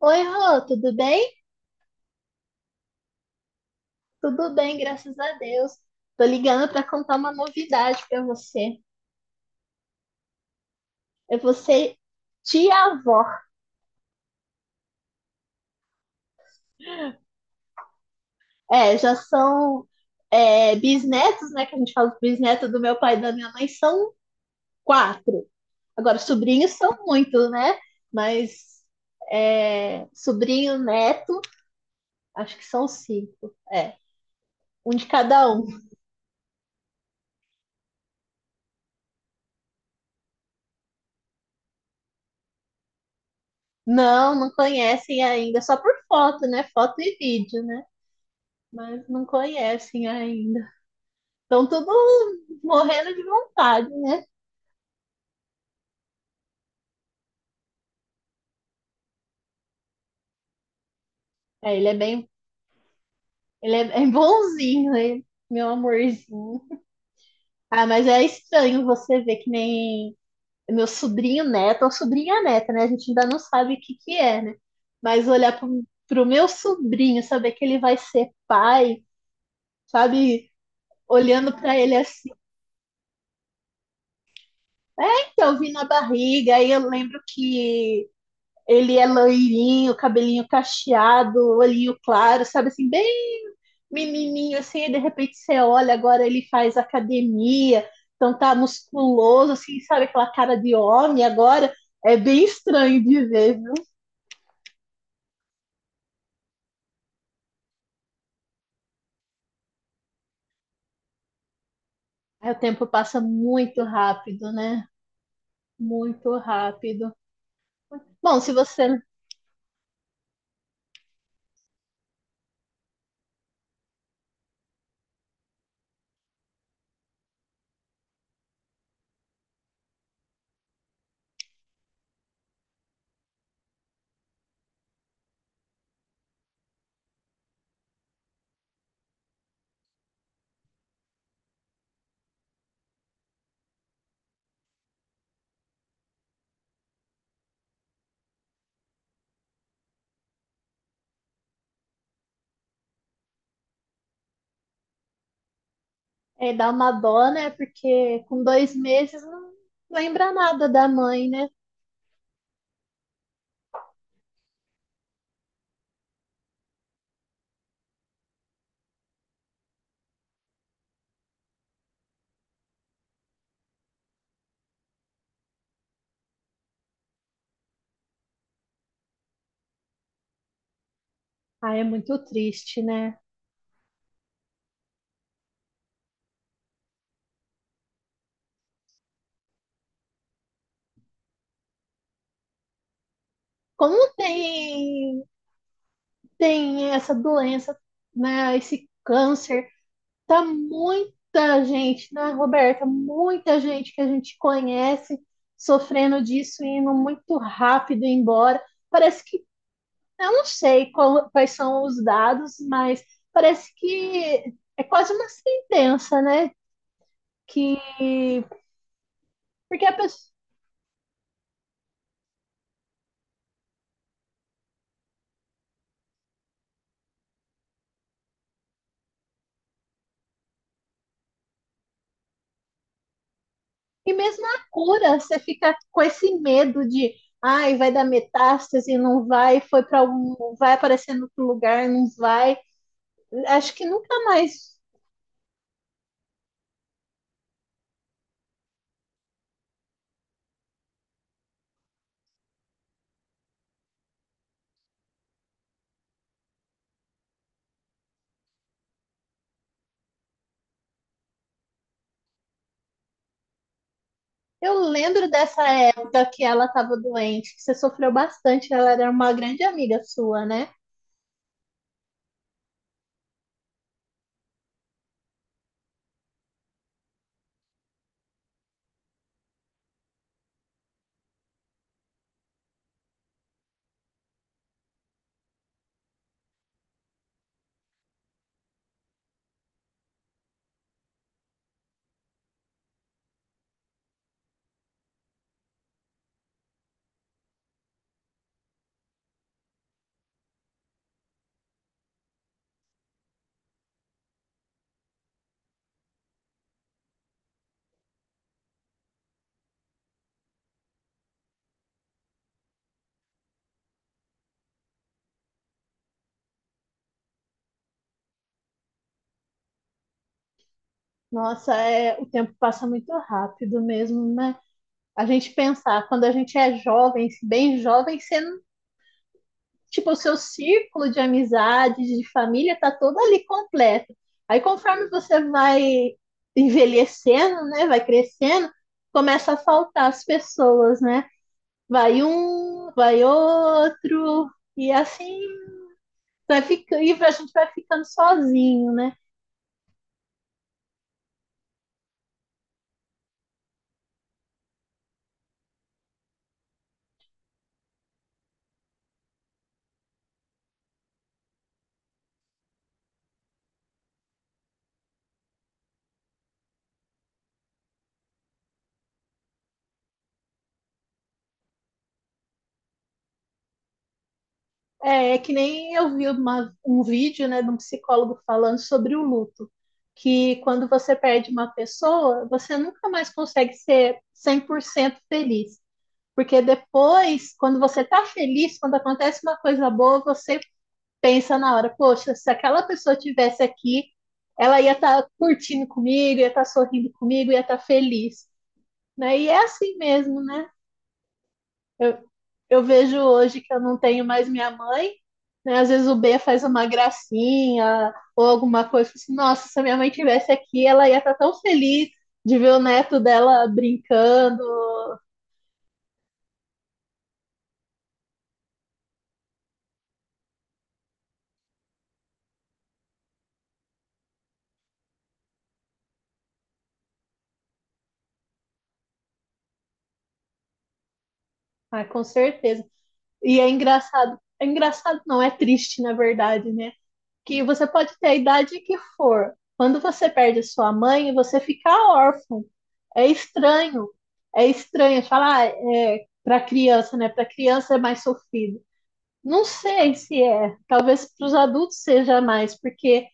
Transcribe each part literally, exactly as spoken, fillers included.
Oi, Rô, tudo bem? Tudo bem, graças a Deus. Tô ligando para contar uma novidade para você. É você, tia-avó. É, já são é, bisnetos, né? Que a gente fala bisneto do meu pai e da minha mãe, são quatro. Agora, sobrinhos são muito, né? Mas é, sobrinho, neto, acho que são cinco. É, um de cada um. Não, não conhecem ainda, só por foto, né? Foto e vídeo, né? Mas não conhecem ainda. Estão tudo morrendo de vontade, né? É, ele é bem, ele é bem bonzinho, né? Meu amorzinho. Ah, mas é estranho você ver que nem meu sobrinho neto ou sobrinha neta, né? A gente ainda não sabe o que que é, né? Mas olhar pro, pro meu sobrinho, saber que ele vai ser pai, sabe? Olhando pra ele assim, eu vi na barriga, aí eu lembro que ele é loirinho, cabelinho cacheado, olhinho claro, sabe assim, bem menininho assim, e de repente você olha, agora ele faz academia, então tá musculoso, assim, sabe aquela cara de homem agora? É bem estranho de ver, viu? Aí o tempo passa muito rápido, né? Muito rápido. Bom, se você É, dá uma dó, né? Porque com dois meses não lembra nada da mãe, né? Ah, é muito triste, né? Como tem, tem essa doença, né? Esse câncer. Tá muita gente, né, Roberta? Muita gente que a gente conhece sofrendo disso e indo muito rápido embora. Parece que, eu não sei qual- quais são os dados, mas parece que é quase uma sentença, né? Que, porque a pessoa, E mesmo a cura, você fica com esse medo de, ai, vai dar metástase, não vai, foi para algum, vai aparecer em outro lugar, não vai. Acho que nunca mais. Eu lembro dessa época que ela estava doente, que você sofreu bastante, ela era uma grande amiga sua, né? Nossa, é, o tempo passa muito rápido mesmo, né? A gente pensar, quando a gente é jovem, bem jovem, você, não- tipo, o seu círculo de amizades, de família, tá todo ali completo. Aí, conforme você vai envelhecendo, né, vai crescendo, começa a faltar as pessoas, né? Vai um, vai outro, e assim vai ficar e a gente vai ficando sozinho, né? É, é que nem eu vi uma, um vídeo né, de um psicólogo falando sobre o luto, que quando você perde uma pessoa, você nunca mais consegue ser cem por cento feliz. Porque depois, quando você tá feliz, quando acontece uma coisa boa, você pensa na hora, poxa, se aquela pessoa estivesse aqui, ela ia estar tá curtindo comigo, ia estar tá sorrindo comigo, ia estar tá feliz. Né? E é assim mesmo, né? Eu, Eu vejo hoje que eu não tenho mais minha mãe, né? Às vezes o B faz uma gracinha ou alguma coisa, assim, nossa, se a minha mãe tivesse aqui, ela ia estar tão feliz de ver o neto dela brincando. Ah, com certeza. E é engraçado, é engraçado não, é triste, na verdade, né? Que você pode ter a idade que for. Quando você perde a sua mãe, você fica órfão. É estranho. É estranho falar, ah, é para criança, né? Para criança é mais sofrido. Não sei se é. Talvez para os adultos seja mais, porque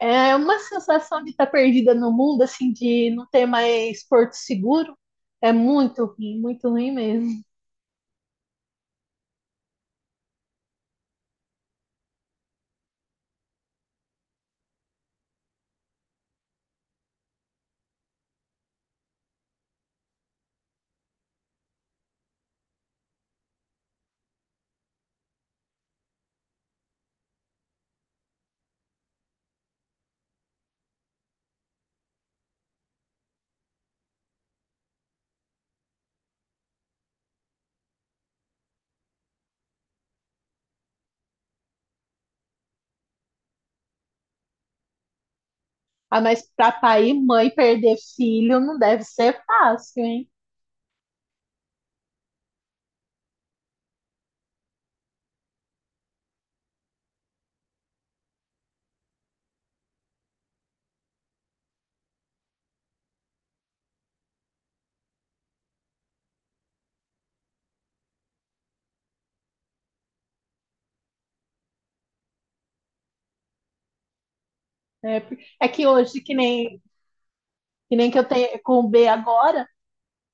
é uma sensação de estar perdida no mundo, assim, de não ter mais porto seguro. É muito ruim, muito ruim mesmo. Ah, mas para pai e mãe perder filho não deve ser fácil, hein? É, por- é que hoje, que nem, que nem que eu tenho com o B agora.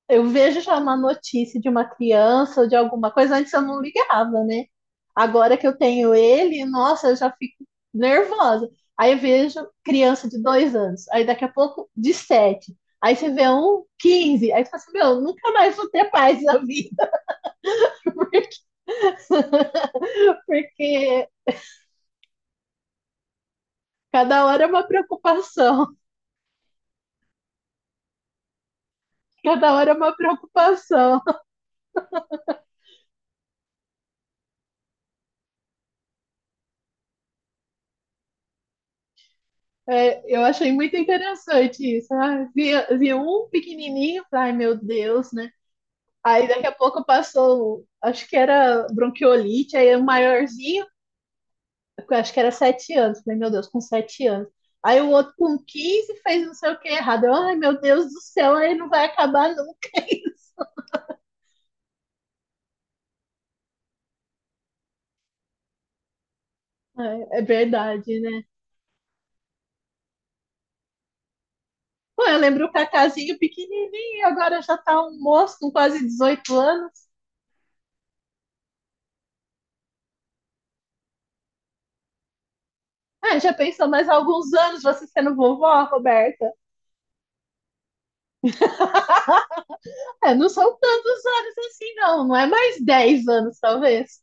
Eu vejo já uma notícia de uma criança ou de alguma coisa, antes eu não ligava, né? Agora que eu tenho ele, nossa, eu já fico nervosa. Aí eu vejo criança de dois anos, aí daqui a pouco de sete. Aí você vê um quinze. Aí você fala assim, meu, nunca mais vou ter paz na vida, porque cada hora é uma preocupação, cada hora é uma preocupação. É, eu achei muito interessante isso. Ah, vi, vi um pequenininho, ai meu Deus, né? Aí daqui a pouco passou, acho que era bronquiolite, aí o maiorzinho, eu acho que era sete anos. Falei, meu Deus, com sete anos. Aí o outro com quinze fez não sei o que errado. Eu, Ai, meu Deus do céu, aí não vai acabar nunca. É, é verdade, né? Pô, eu lembro o Cacazinho pequenininho, agora já tá um moço com quase dezoito anos. Ah, já pensou mais alguns anos você sendo vovó, Roberta? É, não são tantos anos assim, não. Não é mais dez anos, talvez.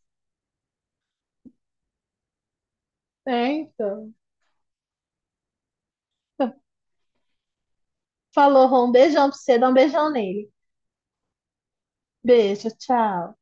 É, então. Falou, Rô. Um beijão pra você. Dá um beijão nele. Beijo, tchau.